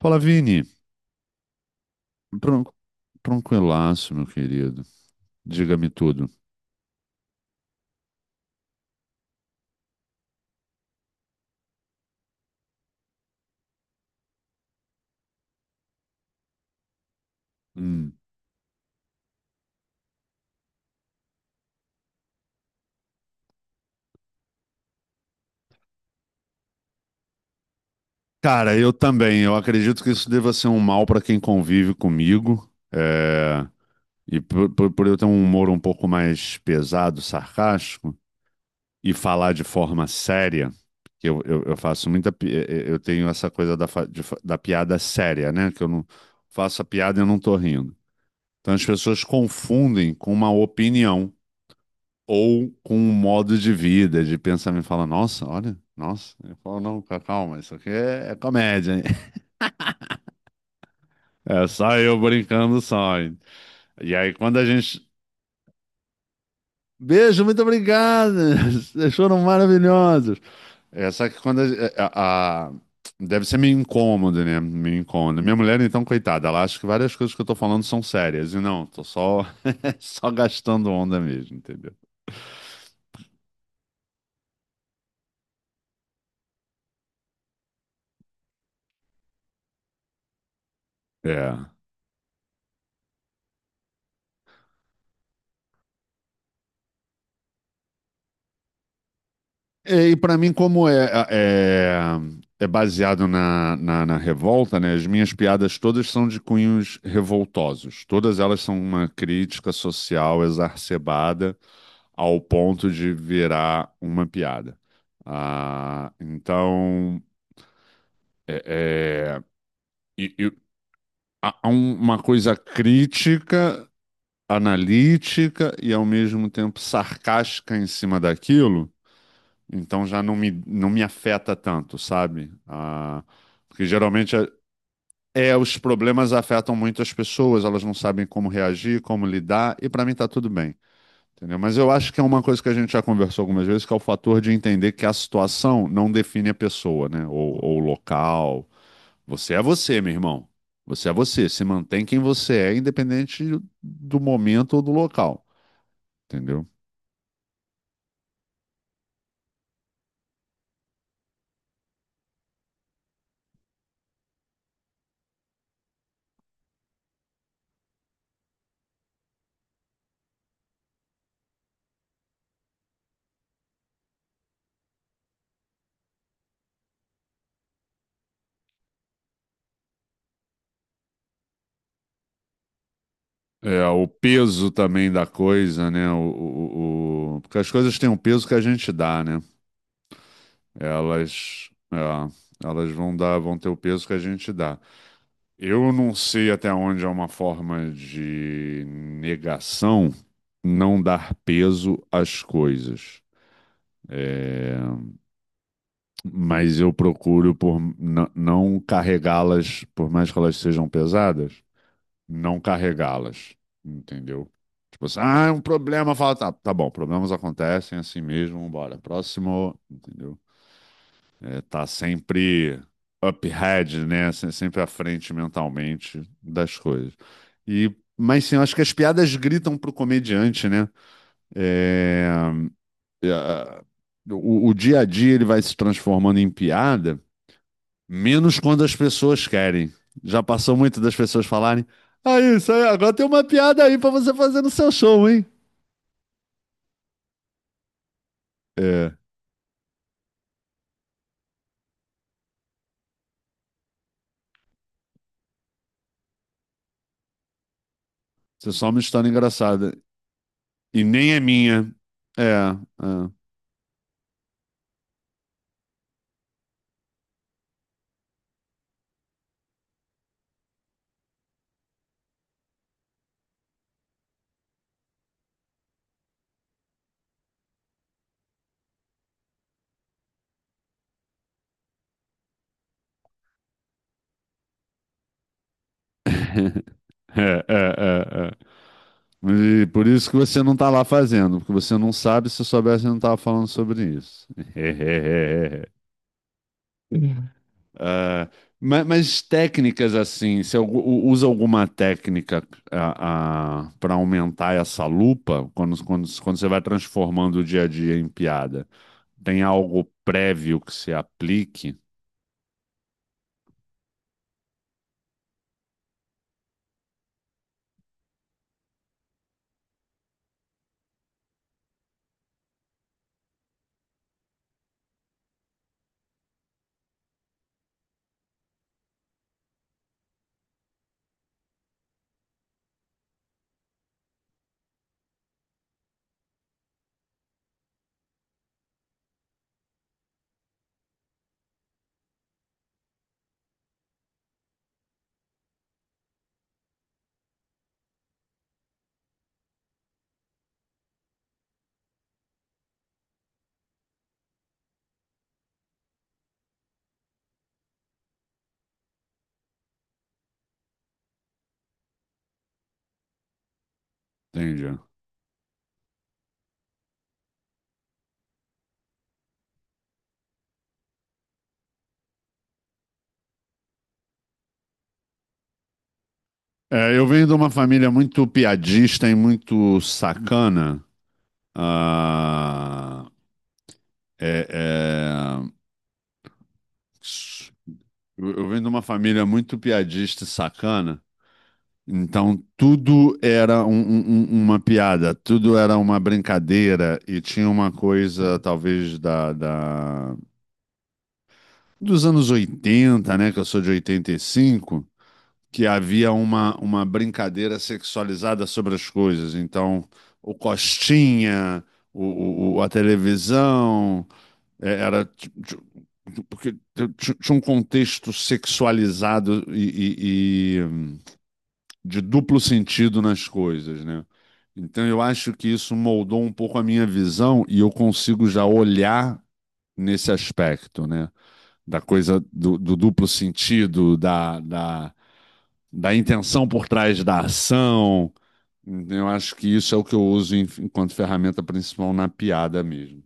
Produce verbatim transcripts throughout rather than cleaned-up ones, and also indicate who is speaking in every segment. Speaker 1: Fala, Vini. Tran- Tranquilaço, meu querido. Diga-me tudo. Hum. Cara, eu também. Eu acredito que isso deva ser um mal para quem convive comigo. É, e por, por- por eu ter um humor um pouco mais pesado, sarcástico, e falar de forma séria, que eu, eu, eu faço muita. pi- eh, eh, Eu tenho essa coisa da, fa- de fa- da piada séria, né? Que eu não faço a piada e eu não tô rindo. Então as pessoas confundem com uma opinião. Ou com um modo de vida, de pensamento, fala, nossa, olha, nossa. Eu falo, não, ca- calma, isso aqui é, é comédia, hein? É só eu brincando só, hein? E aí, quando a gente. Beijo, muito obrigado! Vocês foram maravilhosos! É, só que quando a, a- a- deve ser meio incômodo, né? Meio incômodo. Minha mulher, então, coitada, ela acha que várias coisas que eu tô falando são sérias. E não, tô só, só gastando onda mesmo, entendeu? É. É, e para mim, como é, é, é baseado na, na, na revolta, né? As minhas piadas todas são de cunhos revoltosos. Todas elas são uma crítica social exacerbada ao ponto de virar uma piada. Ah, então, é, é, e- e há há um- uma coisa crítica, analítica e ao mesmo tempo sarcástica em cima daquilo. Então já não me, não me afeta tanto, sabe? Ah, porque geralmente é, é, os problemas afetam muito as pessoas, elas não sabem como reagir, como lidar, e para mim tá tudo bem, entendeu? Mas eu acho que é uma coisa que a gente já conversou algumas vezes, que é o fator de entender que a situação não define a pessoa, né? Ou, ou o local. Você é você, meu irmão. Você é você. Se mantém quem você é, independente do momento ou do local, entendeu? É, o peso também da coisa, né? O, o- o- Porque as coisas têm um peso que a gente dá, né? Elas, é, elas vão dar, vão ter o peso que a gente dá. Eu não sei até onde é uma forma de negação não dar peso às coisas. É, mas eu procuro por n- não carregá-las, por mais que elas sejam pesadas. Não carregá-las, entendeu? Tipo assim, ah, é um problema, fala, tá, tá bom, problemas acontecem é assim mesmo, bora, próximo, entendeu? É, tá sempre up ahead, né? Se- Sempre à frente mentalmente das coisas. E, mas sim, eu acho que as piadas gritam pro comediante, né? É, o, o dia a dia ele vai se transformando em piada, menos quando as pessoas querem. Já passou muito das pessoas falarem, ah, isso aí, agora tem uma piada aí pra você fazer no seu show, hein? É. Isso é só uma história engraçada. E nem é minha. É, é. É, é, é, é. E por isso que você não tá lá fazendo, porque você não sabe, se soubesse, eu não tava falando sobre isso. Ah, ma- mas, técnicas assim, você algu- u- usa alguma técnica para aumentar essa lupa quando, quando, quando você vai transformando o dia a dia em piada? Tem algo prévio que você aplique? Entendi. É, eu venho de uma família muito piadista e muito sacana. Ah, é, é, Eu, eu venho de uma família muito piadista e sacana, então tudo era um- um- um- uma piada, tudo era uma brincadeira e tinha uma coisa, talvez, da, da- dos anos oitenta, né? Que eu sou de oitenta e cinco, que havia uma, uma brincadeira sexualizada sobre as coisas. Então, o Costinha, o, o- o- a televisão. É, Era ti- ti- porque ti- tinha um contexto sexualizado e, e- e, hum, de duplo sentido nas coisas, né? Então eu acho que isso moldou um pouco a minha visão e eu consigo já olhar nesse aspecto, né? Da coisa do, do duplo sentido, da, da, da intenção por trás da ação. Então, eu acho que isso é o que eu uso em- enquanto ferramenta principal na piada mesmo.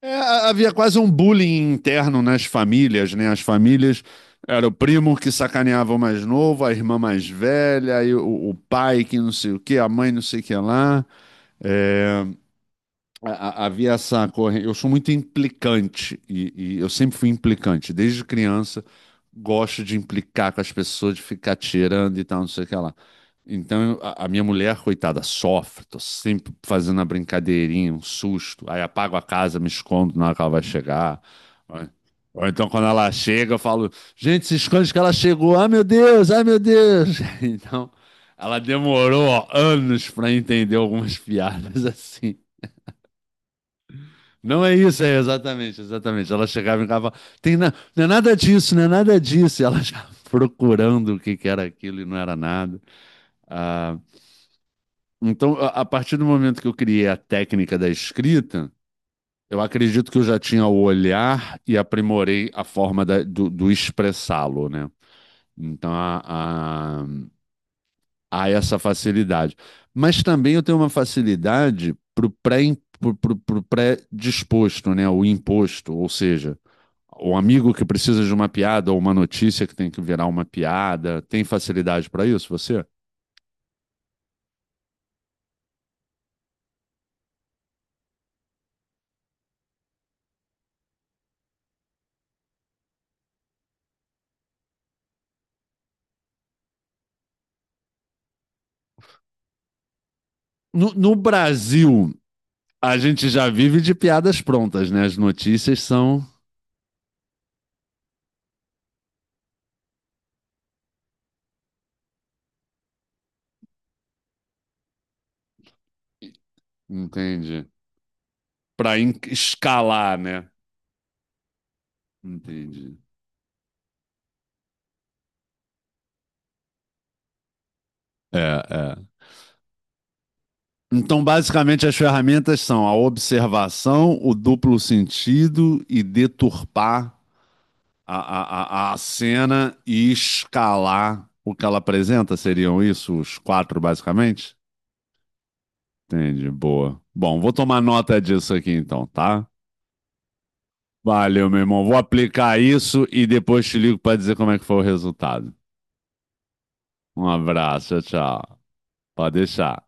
Speaker 1: É, havia quase um bullying interno nas famílias, né? As famílias, era o primo que sacaneava o mais novo, a irmã mais velha, aí o, o pai que não sei o que, a mãe não sei o que lá. É, a- a- havia essa corrente. Eu sou muito implicante e, e eu sempre fui implicante. Desde criança, gosto de implicar com as pessoas, de ficar tirando e tal, não sei o que lá. Então, eu- a, a minha mulher, coitada, sofre. Tô sempre fazendo a brincadeirinha, um susto. Aí apago a casa, me escondo na hora que ela vai chegar. Ou ou então, quando ela chega, eu falo: gente, se esconde que ela chegou. Ai, meu Deus, ai, meu Deus. Então. Ela demorou ó, anos para entender algumas piadas assim. Não é isso, é exatamente, exatamente. Ela chegava em casa e falava, tem na... não é nada disso, não é nada disso. E ela já procurando o que que era aquilo e não era nada. Ah, então, a a partir do momento que eu criei a técnica da escrita, eu acredito que eu já tinha o olhar e aprimorei a forma da- do, do expressá-lo, né? Então, há, há- há essa facilidade. Mas também eu tenho uma facilidade para o pré, pro, pro, pro pré-disposto, né? O imposto, ou seja, o amigo que precisa de uma piada ou uma notícia que tem que virar uma piada. Tem facilidade para isso, você? No, no Brasil, a gente já vive de piadas prontas, né? As notícias são, entende? Para escalar, né? Entendi. É, é. Então, basicamente, as ferramentas são a observação, o duplo sentido e deturpar a, a, a, a cena e escalar o que ela apresenta. Seriam isso os quatro, basicamente? Entendi, boa. Bom, vou tomar nota disso aqui então, tá? Valeu, meu irmão. Vou aplicar isso e depois te ligo para dizer como é que foi o resultado. Um abraço, tchau, tchau. Pode deixar.